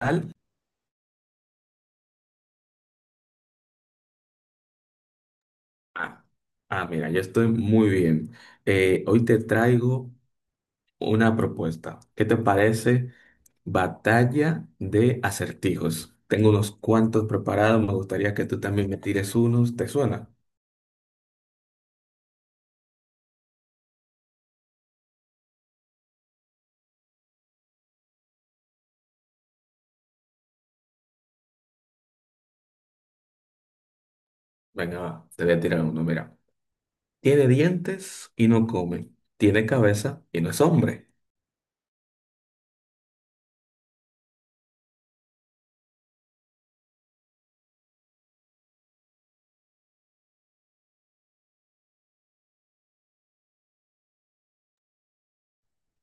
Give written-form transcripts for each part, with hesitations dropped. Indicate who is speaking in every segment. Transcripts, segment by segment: Speaker 1: Tal? Ah, ah, mira, yo estoy muy bien. Hoy te traigo una propuesta. ¿Qué te parece? Batalla de acertijos. Tengo unos cuantos preparados. Me gustaría que tú también me tires unos. ¿Te suena? Venga, va, te voy a tirar uno. Mira, tiene dientes y no come. Tiene cabeza y no es hombre.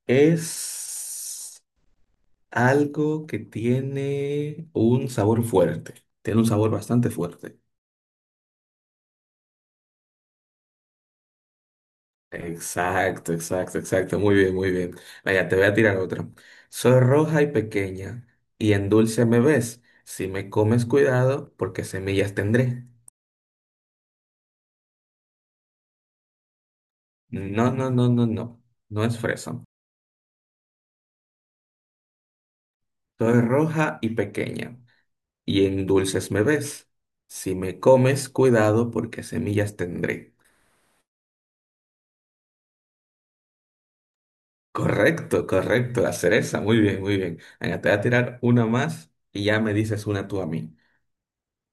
Speaker 1: Es algo que tiene un sabor fuerte. Tiene un sabor bastante fuerte. Exacto, exacto, exacto. Muy bien, muy bien. Vaya, te voy a tirar otra. Soy roja y pequeña, y en dulce me ves. Si me comes, cuidado, porque semillas tendré. No, no, no, no, no. No es fresa. Soy roja y pequeña, y en dulces me ves. Si me comes, cuidado, porque semillas tendré. Correcto, correcto. La cereza. Muy bien, muy bien. Venga, te voy a tirar una más y ya me dices una tú a mí.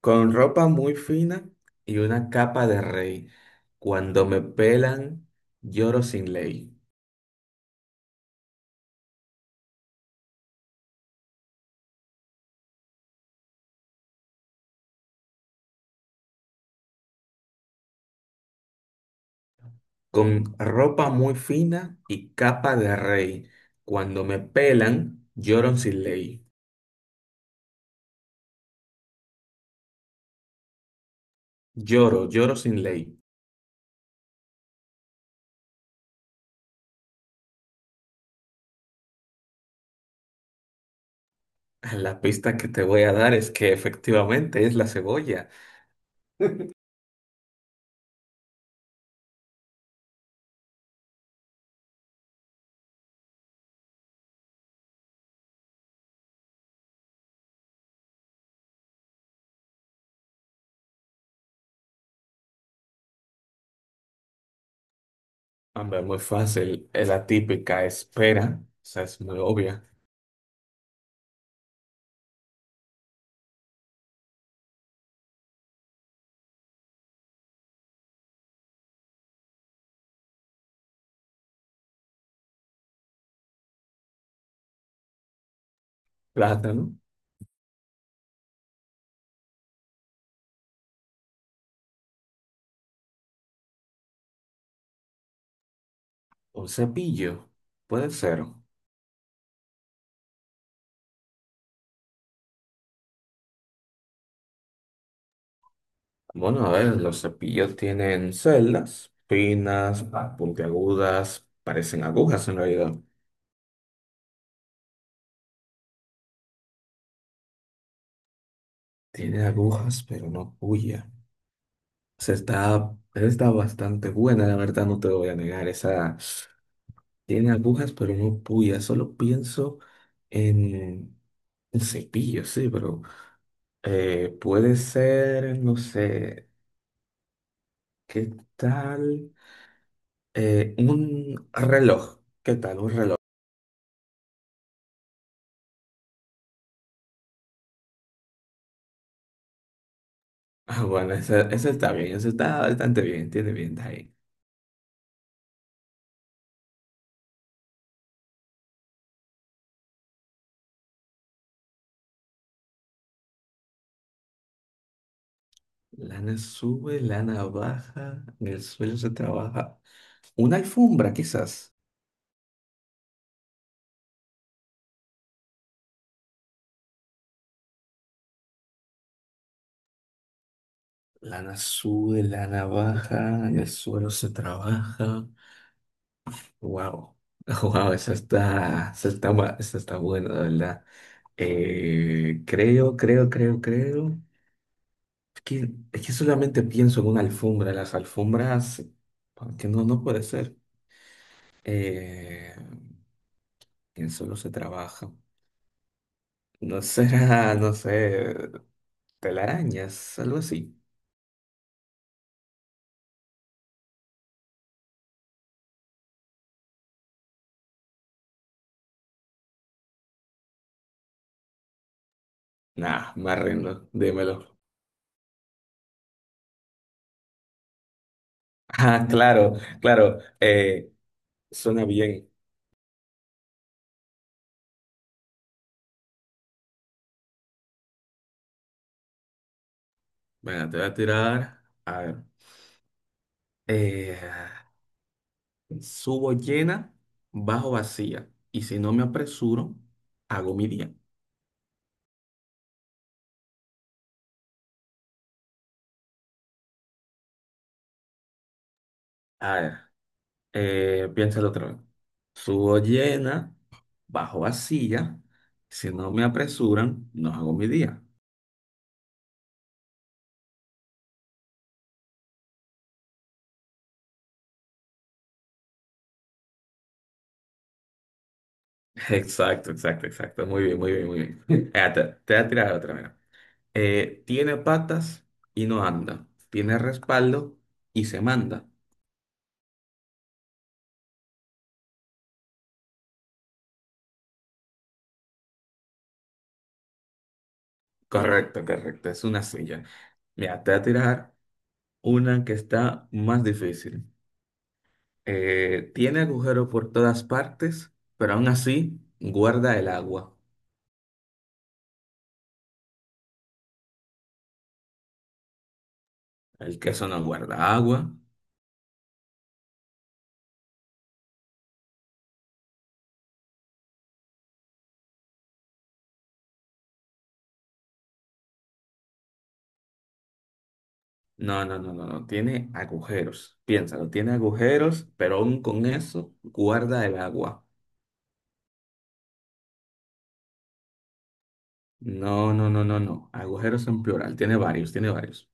Speaker 1: Con ropa muy fina y una capa de rey. Cuando me pelan, lloro sin ley. Con ropa muy fina y capa de rey. Cuando me pelan, lloro sin ley. Lloro, lloro sin ley. Ah, la pista que te voy a dar es que efectivamente es la cebolla. Hombre, muy fácil. Es la típica espera. O sea, es muy obvia. Plátano. Un cepillo. Puede ser. Bueno, a ver, los cepillos tienen celdas, finas, puntiagudas, parecen agujas en realidad. Tiene agujas, pero no puya. O sea, está bastante buena, la verdad, no te voy a negar. Esa tiene agujas, pero no puya. Solo pienso en el cepillo, sí, pero puede ser, no sé, ¿qué tal? Un reloj. ¿Qué tal? Un reloj. Ah, bueno, esa está bien, esa está bastante bien, tiene bien, está bien. Lana sube, lana baja, en el suelo se trabaja. Una alfombra, quizás. Lana sube, lana baja, en el suelo se trabaja. Wow, wow, esa está buena, la verdad. Creo. Es que solamente pienso en una alfombra, las alfombras, que no, no puede ser. Eh, ¿Quién solo se trabaja? No será, no sé, telarañas, algo así. Nah, me arrendo, dímelo. Ah, claro, claro, suena bien. Venga, te voy a tirar. A ver. eh, subo llena, bajo vacía. Y si no me apresuro, hago mi día. A ver, piénsalo otra vez. Subo llena, bajo vacía. Si no me apresuran, no hago mi día. Exacto, exacto, exacto. Muy bien, muy bien, muy bien. Mira, te voy a tirar otra, mira. Tiene patas y no anda. Tiene respaldo y se manda. Correcto, correcto. Es una silla. Mira, te voy a tirar una que está más difícil. Tiene agujero por todas partes, pero aún así guarda el agua. El queso no guarda agua. No, no, no, no, no. Tiene agujeros. Piénsalo, tiene agujeros, pero aún con eso guarda el agua. No, no, no, no, no. Agujeros en plural. Tiene varios, tiene varios.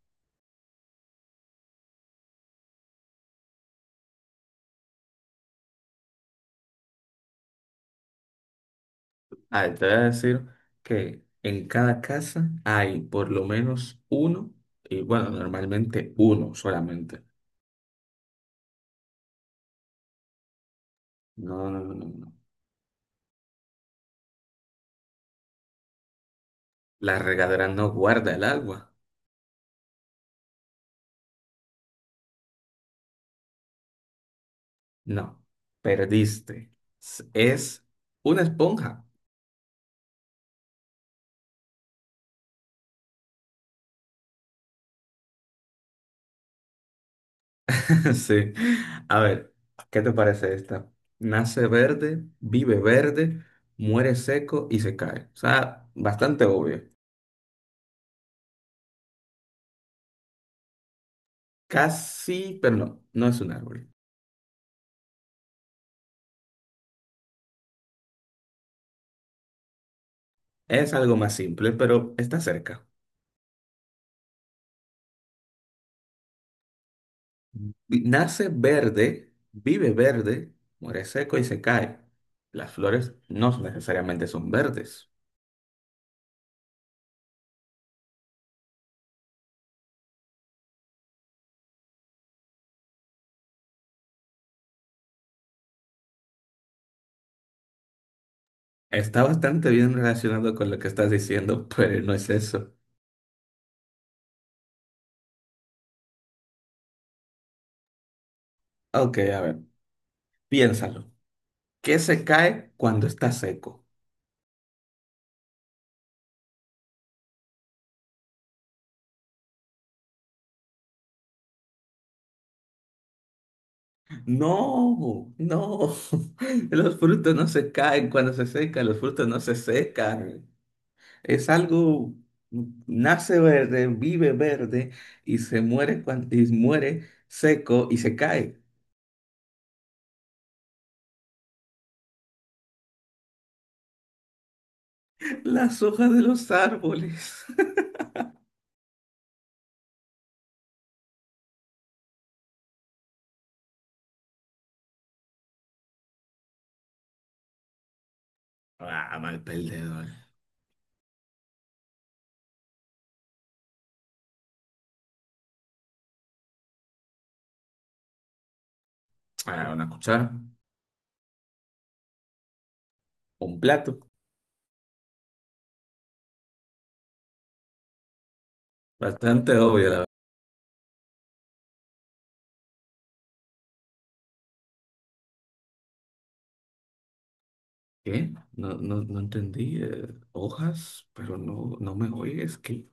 Speaker 1: A ver, te voy a decir que en cada casa hay por lo menos uno, y bueno, normalmente uno solamente. No, no, no, no, no. La regadera no guarda el agua. No, perdiste. Es una esponja. Sí. A ver, ¿qué te parece esta? Nace verde, vive verde, muere seco y se cae. O sea, bastante obvio. Casi, pero no, no es un árbol. Es algo más simple, pero está cerca. Nace verde, vive verde, muere seco y se cae. Las flores no necesariamente son verdes. Está bastante bien relacionado con lo que estás diciendo, pero no es eso. Ok, a ver, piénsalo. ¿Qué se cae cuando está seco? No, no. Los frutos no se caen cuando se secan, los frutos no se secan. Es algo, nace verde, vive verde y se muere, y muere seco y se cae. Las hojas de los árboles. Ah, mal perdedor. Ah, una cuchara. Un plato. Bastante obvio, la verdad. ¿Qué? No, no, no entendí. Hojas, pero no, no me oyes. ¿Qué?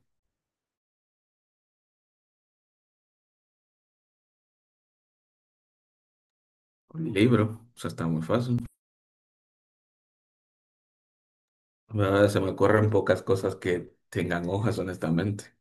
Speaker 1: Un libro. O sea, está muy fácil. Ahora se me ocurren pocas cosas que tengan hojas, honestamente.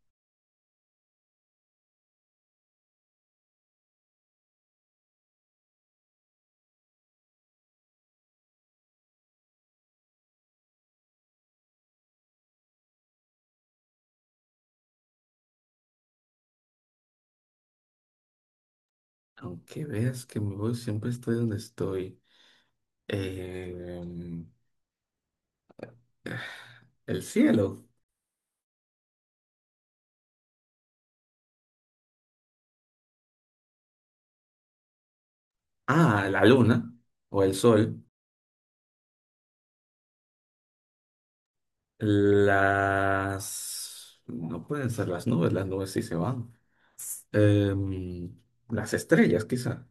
Speaker 1: Aunque veas que me voy, siempre estoy donde estoy. Eh, el cielo. Ah, la luna o el sol. No pueden ser las nubes sí se van. Em, las estrellas, quizá.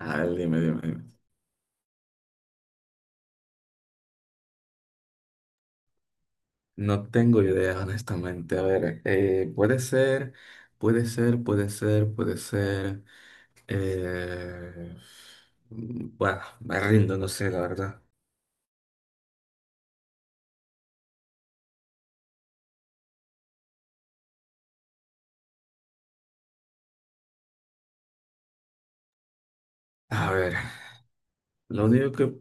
Speaker 1: A ver, dime, dime, dime. No tengo idea, honestamente. A ver, puede ser. eh, bueno, me rindo, no sé, la verdad. A ver, lo único que,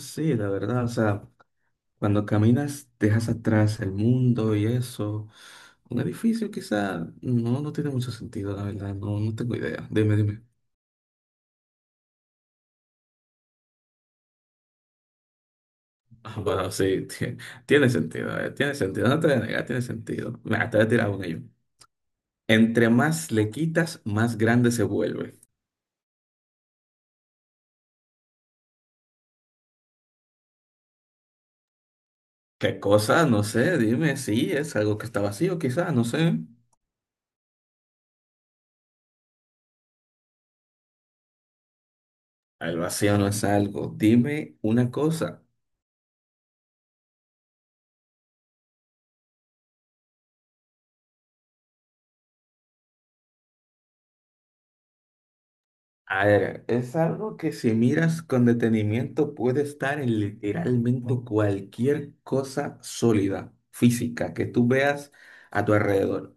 Speaker 1: sí, la verdad, o sea, cuando caminas, dejas atrás el mundo y eso. Un edificio quizá no, no tiene mucho sentido, la verdad. No, no tengo idea. Dime, dime. Ah, bueno, sí, tiene sentido, tiene sentido. No te voy a negar, tiene sentido. Mira, te voy a tirar una yo. Entre más le quitas, más grande se vuelve. ¿Qué cosa? No sé, dime. Sí, es algo que está vacío, quizá, no sé. El vacío no es algo. Dime una cosa. A ver, es algo que si miras con detenimiento puede estar en literalmente cualquier cosa sólida, física, que tú veas a tu alrededor.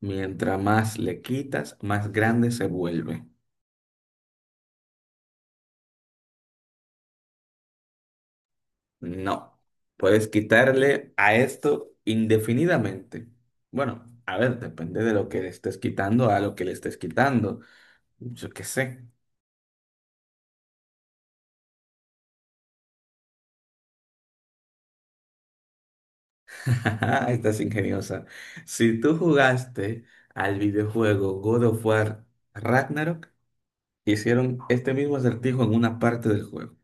Speaker 1: Mientras más le quitas, más grande se vuelve. No, puedes quitarle a esto indefinidamente. Bueno, a ver, depende de lo que le estés quitando, a lo que le estés quitando. Yo qué sé. Estás ingeniosa. Si tú jugaste al videojuego God of War Ragnarok, hicieron este mismo acertijo en una parte del juego.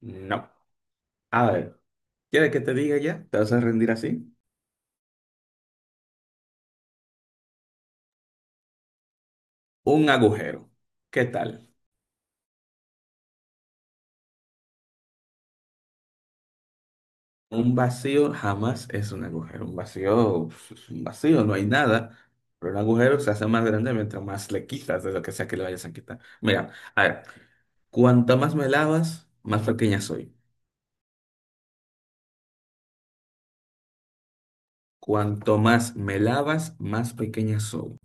Speaker 1: No. A ver, ¿quieres que te diga ya? ¿Te vas a rendir así? Un agujero. ¿Qué tal? Un vacío jamás es un agujero. Un vacío pues, es un vacío, no hay nada. Pero un agujero se hace más grande mientras más le quitas de lo que sea que le vayas a quitar. Mira, a ver, cuanto más me lavas, más pequeña soy. Cuanto más me lavas, más pequeña soy.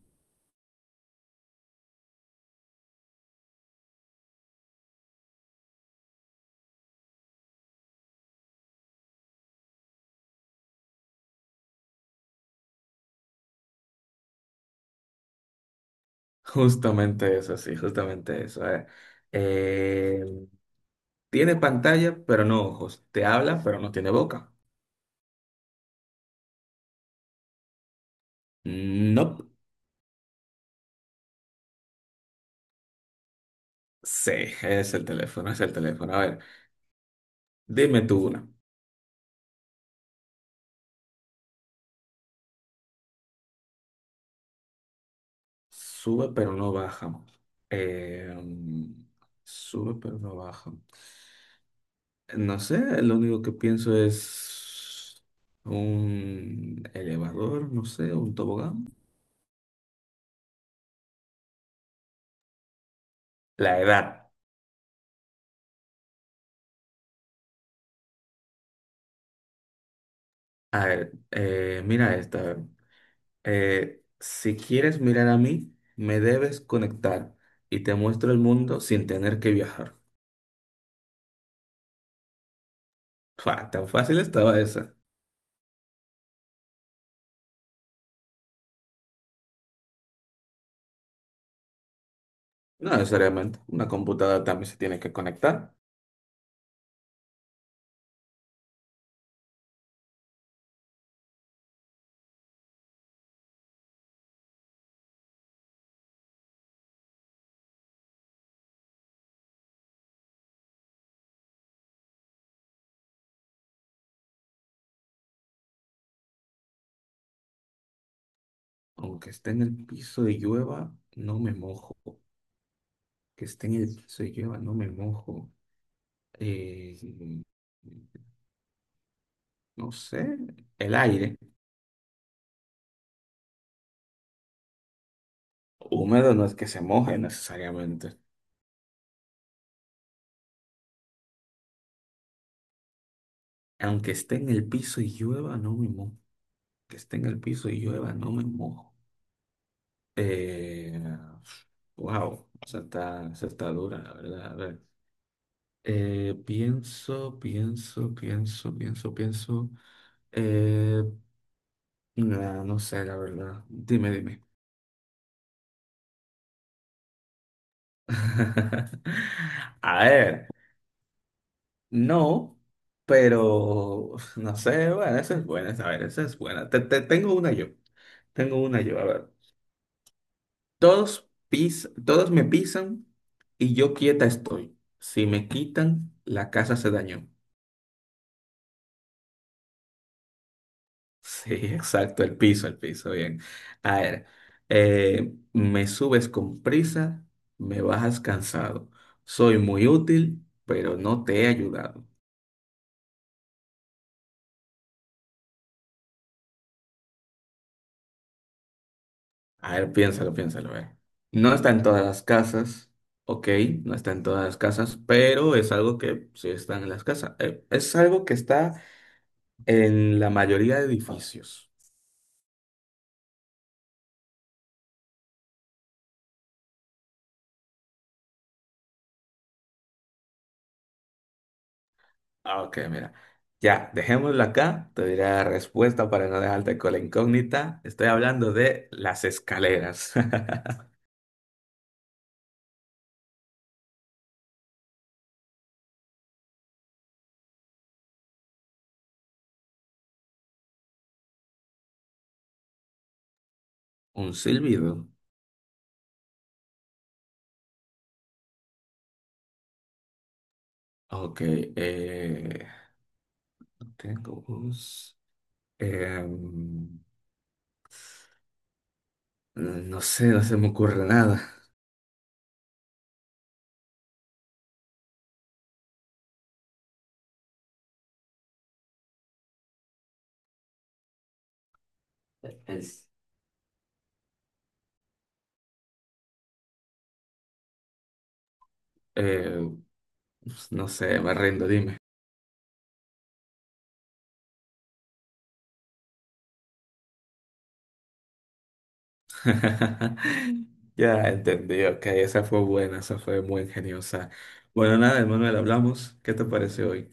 Speaker 1: Justamente eso, sí, justamente eso. Eh, tiene pantalla, pero no ojos. Te habla, pero no tiene boca. No. Sí, es el teléfono, es el teléfono. A ver, dime tú una. Sube, pero no baja. Eh, sube, pero no baja. No sé, lo único que pienso es un elevador, no sé, un tobogán. La edad. A ver, mira esta. A ver. Si quieres mirar a mí, me debes conectar y te muestro el mundo sin tener que viajar. Fua, tan fácil estaba esa. No necesariamente. Una computadora también se tiene que conectar. Aunque esté en el piso y llueva, no me mojo. Que esté en el piso y llueva, no me mojo. Eh, no sé. El aire. Húmedo no es que se moje necesariamente. Aunque esté en el piso y llueva, no me mojo. Que esté en el piso y llueva, no me mojo. Eh, wow, esa está dura, la verdad. A ver, Pienso. Eh, nah, no sé, la verdad. Dime, dime. A ver, no, pero no sé, bueno, esa es buena, a ver, esa es buena. Tengo una yo, a ver. Todos me pisan y yo quieta estoy. Si me quitan, la casa se dañó. Sí, exacto, el piso, bien. A ver, me subes con prisa, me bajas cansado. Soy muy útil, pero no te he ayudado. A ver, piénsalo, piénsalo, a ver. No está en todas las casas, ok, no está en todas las casas, pero es algo que sí está en las casas. Es algo que está en la mayoría de edificios. Ah, ok, mira. Ya, dejémoslo acá. Te diré la respuesta para no dejarte con la incógnita. Estoy hablando de las escaleras. Un silbido. Ok. No tengo voz. Em, no sé, no se me ocurre nada. Es- eh, pues, no sé, me rindo, dime. Ya entendí, ok. Esa fue buena, esa fue muy ingeniosa. Bueno, nada, Manuel, hablamos. ¿Qué te parece hoy?